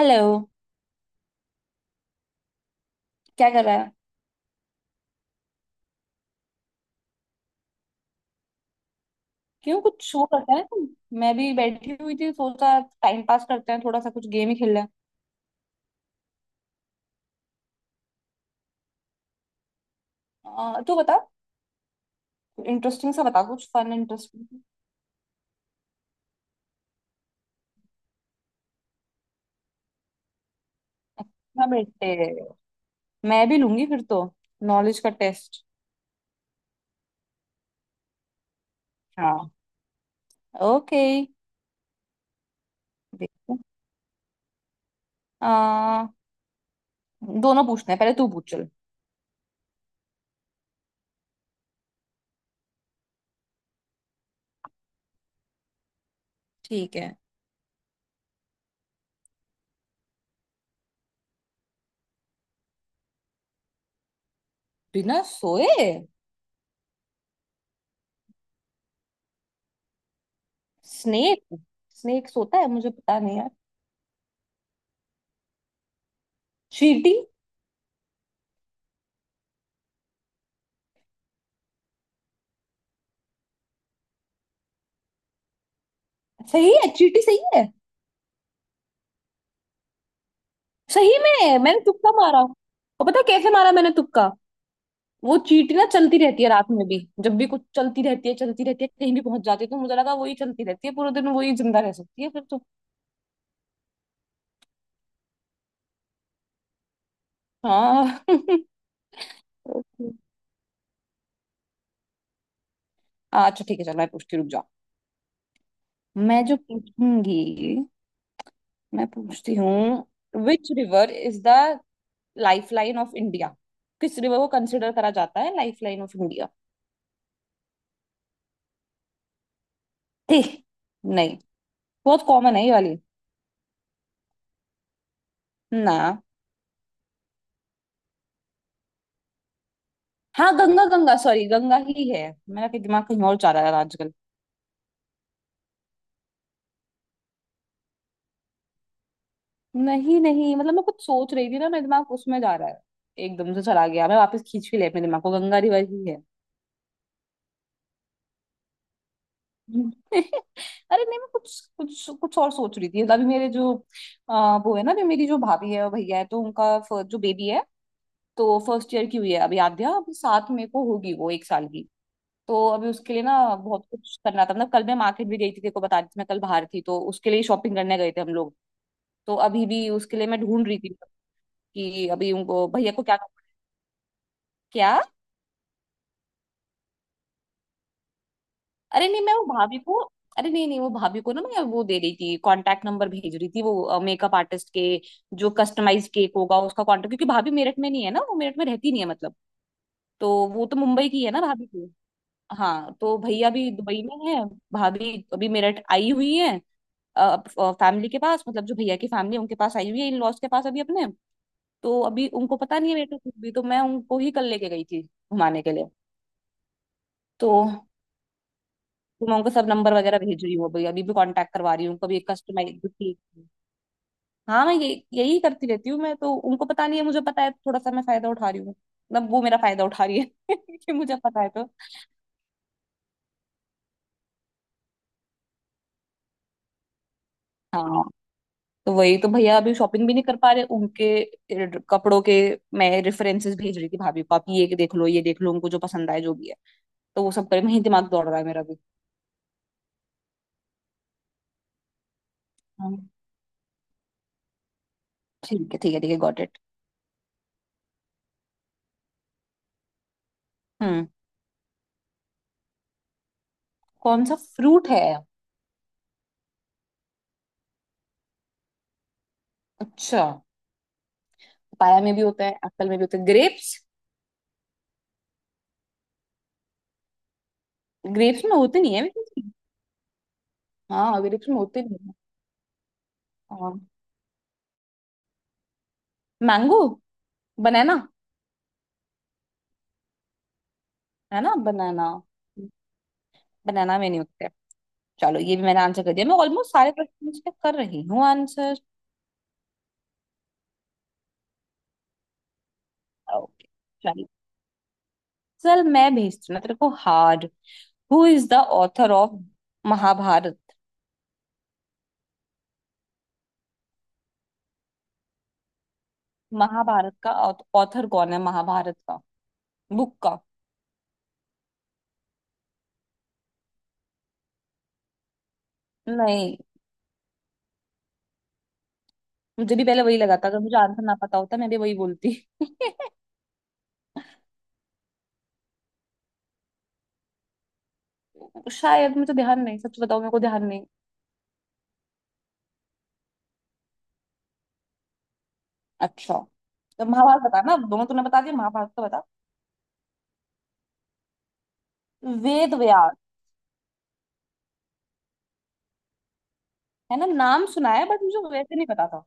Hello. क्या कर रहा है? क्यों कुछ शो करता है तुम? मैं भी बैठी हुई थी, सोचा टाइम पास करते हैं, थोड़ा सा कुछ गेम ही खेल लें। तू बता। इंटरेस्टिंग सा बता, कुछ फन इंटरेस्टिंग। हाँ बेटे, मैं भी लूंगी फिर तो, नॉलेज का टेस्ट। हाँ। ओके। देखो, आ, दोनों पूछना है, पहले तू पूछ, चल। ठीक है। बिना सोए? स्नेक। स्नेक सोता है मुझे पता नहीं यार। चींटी। सही है, चींटी सही है। सही में मैंने तुक्का मारा, और पता है कैसे मारा मैंने तुक्का? वो चींटी ना चलती रहती है रात में भी। जब भी कुछ चलती रहती है चलती रहती है, कहीं भी पहुंच जाती है, तो मुझे लगा वही चलती रहती है पूरे दिन, वही जिंदा रह सकती है फिर तो। हाँ ओके। अच्छा ठीक है, चल मैं पूछती हूँ, रुक जाओ। मैं जो पूछूंगी। मैं पूछती हूँ, which river is the life line of India? किस रिवर को कंसिडर करा जाता है लाइफ लाइन ऑफ इंडिया? ठीक। नहीं। बहुत कॉमन है ये वाली। ना। हाँ गंगा, गंगा सॉरी, गंगा ही है। मेरा कि दिमाग कहीं और जा रहा है आजकल। नहीं नहीं, मतलब मैं कुछ सोच रही थी ना, मेरा दिमाग उसमें जा रहा है। एकदम से चला गया, मैं वापस खींच भी ले अपने दिमाग को, गंगा रिवर ही है। अरे नहीं, मैं कुछ कुछ कुछ और सोच रही थी, अभी मेरे जो वो है ना, अभी मेरी जो भाभी है और भैया है, तो उनका जो बेबी है, तो फर्स्ट ईयर की हुई है अभी। आद्या अभी 7 मई को होगी वो एक साल की। तो अभी उसके लिए ना बहुत कुछ करना था, मतलब कल मैं मार्केट भी गई थी, तेरे को बता रही थी मैं, कल बाहर थी, तो उसके लिए शॉपिंग करने गए थे हम लोग। तो अभी भी उसके लिए मैं ढूंढ रही थी, कि अभी उनको भैया को क्या, क्या? अरे नहीं, मैं वो भाभी को। अरे नहीं नहीं, वो भाभी को ना मैं वो दे रही थी, कांटेक्ट नंबर भेज रही थी वो मेकअप आर्टिस्ट के। जो कस्टमाइज केक होगा उसका कांटेक्ट, क्योंकि भाभी मेरठ में नहीं है ना, वो मेरठ में रहती नहीं है मतलब। तो वो तो मुंबई की है ना, भाभी की। हाँ, तो भैया भी दुबई में है। भाभी अभी मेरठ आई हुई है। फैमिली के पास, मतलब जो भैया की फैमिली, उनके पास आई हुई है, इन लॉज के पास अभी अपने। तो अभी उनको पता नहीं है, मेरे को कुछ भी, तो मैं उनको ही कल लेके गई थी घुमाने के लिए। तो मैं उनको सब नंबर वगैरह भेज रही हूँ अभी, अभी भी कांटेक्ट करवा रही हूँ, कभी कस्टमाइज। हाँ, मैं यही यही करती रहती हूँ मैं तो, उनको पता नहीं है, मुझे पता है, तो थोड़ा सा मैं फायदा उठा रही हूँ, मतलब वो मेरा फायदा उठा रही है कि मुझे पता है तो। हाँ। तो वही तो भैया अभी शॉपिंग भी नहीं कर पा रहे उनके कपड़ों के। मैं रेफरेंसेस भेज रही थी भाभी को, आप ये देख लो ये देख लो, उनको जो पसंद आए जो भी है। तो वो सब करे, वही दिमाग दौड़ रहा है मेरा भी। हाँ। ठीक है ठीक है ठीक है, गॉट इट। हम्म कौन सा फ्रूट है? अच्छा। पाया में भी होता है, एप्पल में भी होता है, ग्रेप्स। ग्रेप्स में होते नहीं है वैसे। हाँ ग्रेप्स में होते नहीं है। हाँ। मैंगो। बनाना। है ना, बनाना। बनाना में नहीं होते। चलो, ये भी मैंने आंसर कर दिया, मैं ऑलमोस्ट सारे क्वेश्चन के कर रही हूँ आंसर। ओके। चलो। चल मैं भेजती हूँ ना तेरे को hard. Who is the author of Mahabharat? Mahabharat का ऑथर कौन है, महाभारत का बुक का? नहीं। मुझे भी पहले वही लगा था, अगर मुझे आंसर ना पता होता मैं भी वही बोलती। शायद मुझे ध्यान नहीं, सच बताओ मेरे को ध्यान नहीं। अच्छा। तो महाभारत बता ना, दोनों तूने बता दिया, महाभारत तो बता। वेद व्यास। है ना, नाम सुना है बट मुझे वैसे नहीं पता था।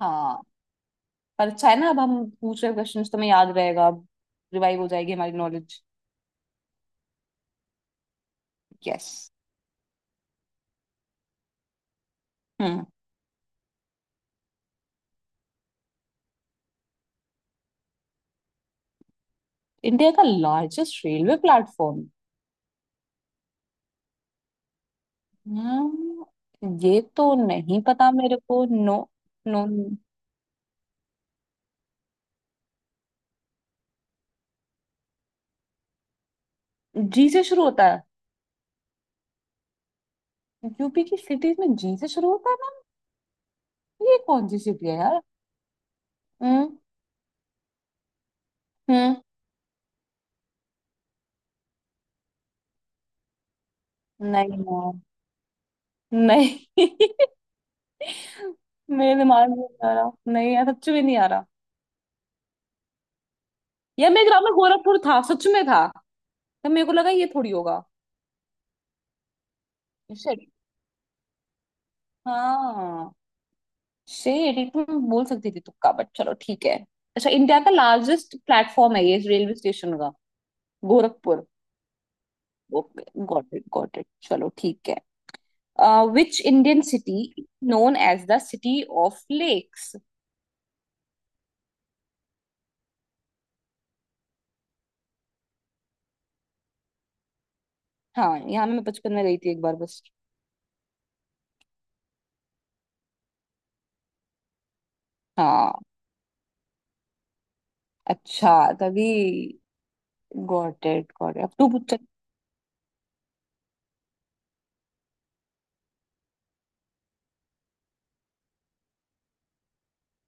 हाँ। पर अच्छा है ना, अब हम पूछ रहे क्वेश्चन, तुम्हें याद रहेगा। रिवाइव हो जाएगी हमारी नॉलेज। यस। हम्म इंडिया का लार्जेस्ट रेलवे प्लेटफॉर्म? ये तो नहीं पता मेरे को, नो। नो। जी से शुरू होता है? यूपी की सिटीज में जी से शुरू होता है ना। ये कौन सी सिटी है यार? हम्म। हम्म, नहीं ना, नहीं मेरे दिमाग में नहीं आ रहा, नहीं यार सच में नहीं आ रहा। यार मेरे ग्राम में गोरखपुर था, सच में था। तब मेरे को लगा ये थोड़ी होगा। शेट। हाँ। शेट, ये तुम बोल सकती थी तुक्का बट चलो ठीक है। अच्छा, इंडिया का लार्जेस्ट प्लेटफॉर्म है ये रेलवे स्टेशन का, Gorakhpur. Okay got it got it, चलो ठीक है। Which Indian city known as the city of lakes? हाँ, यहाँ मैं बचपन में गई थी एक बार बस। हाँ। अच्छा। तभी। गॉट इट गॉट इट, अब तू पूछ, चल-।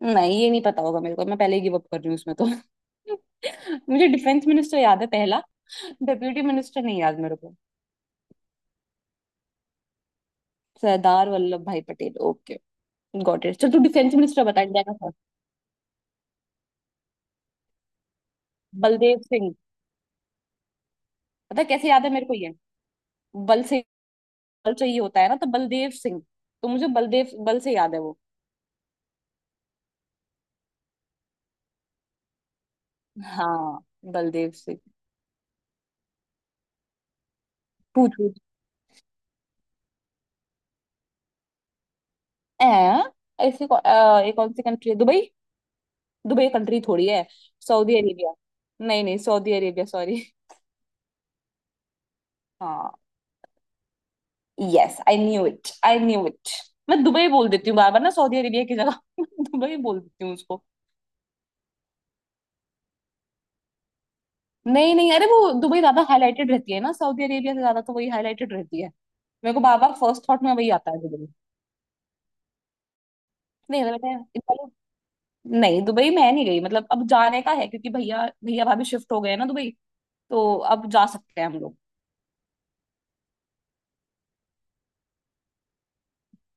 नहीं, ये नहीं पता होगा मेरे को, मैं पहले ही गिव अप कर रही हूँ उसमें तो। मुझे डिफेंस मिनिस्टर याद है पहला। डेप्यूटी मिनिस्टर नहीं याद मेरे को। सरदार Vallabhbhai Patel, okay. Got it, चल तू डिफेंस मिनिस्टर बता, इंडिया का था। बलदेव सिंह। पता है कैसे याद है मेरे को ये? बल से। बल चाहिए होता है ना, तो बलदेव सिंह। तो मुझे बलदेव बल से याद है वो। हाँ। बलदेव सिंह। पूछ पूछ। ऐ। ये कौन सी कंट्री है, दुबई? दुबई कंट्री थोड़ी है। Saudi Arabia. नहीं नहीं, सऊदी अरेबिया, सॉरी। हाँ। Yes I knew it, I knew it. मैं दुबई बोल देती हूँ बार बार ना, सऊदी अरेबिया की जगह दुबई बोल देती हूँ उसको। नहीं नहीं, अरे वो दुबई ज्यादा हाईलाइटेड रहती है ना, सऊदी अरेबिया से ज्यादा, तो वही हाईलाइटेड रहती है। मेरे को बार बार फर्स्ट थॉट में वही आता है, दुबई। नहीं अरे बेटा नहीं, दुबई मैं नहीं गई, मतलब अब जाने का है क्योंकि भैया, भैया भाभी शिफ्ट हो गए हैं ना दुबई, तो अब जा सकते हैं हम लोग।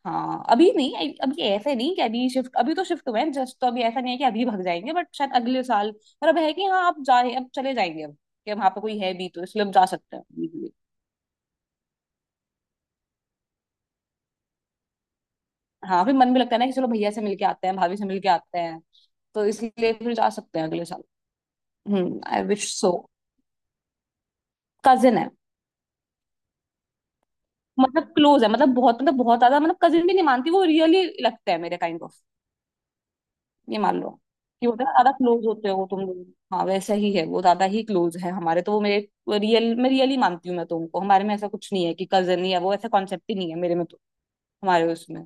हाँ अभी नहीं, अभी अभी ऐसे नहीं कि अभी शिफ्ट, अभी तो शिफ्ट हुए हैं जस्ट, तो अभी ऐसा नहीं है कि अभी भाग जाएंगे, बट शायद अगले साल। पर अब है कि हाँ, आप जा, अब चले जाएंगे अब, कि वहां पे कोई है भी तो, इसलिए हम जा सकते हैं easily। हाँ, फिर मन भी लगता है ना कि चलो भैया से मिलके आते हैं, भाभी से मिलके आते हैं, तो इसलिए फिर जा सकते हैं अगले साल। आई विश सो। कजिन है। मतलब क्लोज है, मतलब बहुत, मतलब बहुत ज्यादा, मतलब कजिन भी नहीं मानती वो, रियली लगते हैं मेरे काइंड ऑफ। ये मान लो कि होता है ना, ज्यादा क्लोज होते हो तुम लोग। हाँ वैसा ही है, वो ज्यादा ही क्लोज है हमारे, तो वो मेरे रियल, मैं रियली मानती हूँ मैं तुमको, हमारे में ऐसा कुछ नहीं है कि कजन या वो, ऐसा कॉन्सेप्ट ही नहीं है मेरे में तो। हमारे उसमें।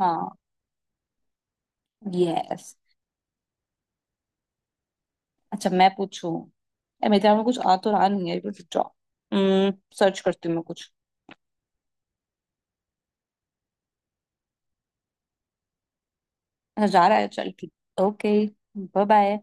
हाँ। यस। अच्छा मैं पूछूं? यार मेरे दिमाग में कुछ आ तो रहा नहीं है, बस जाओ, सर्च करती हूँ मैं कुछ। अच्छा, जा रहा है, चल ठीक। ओके। Bye bye.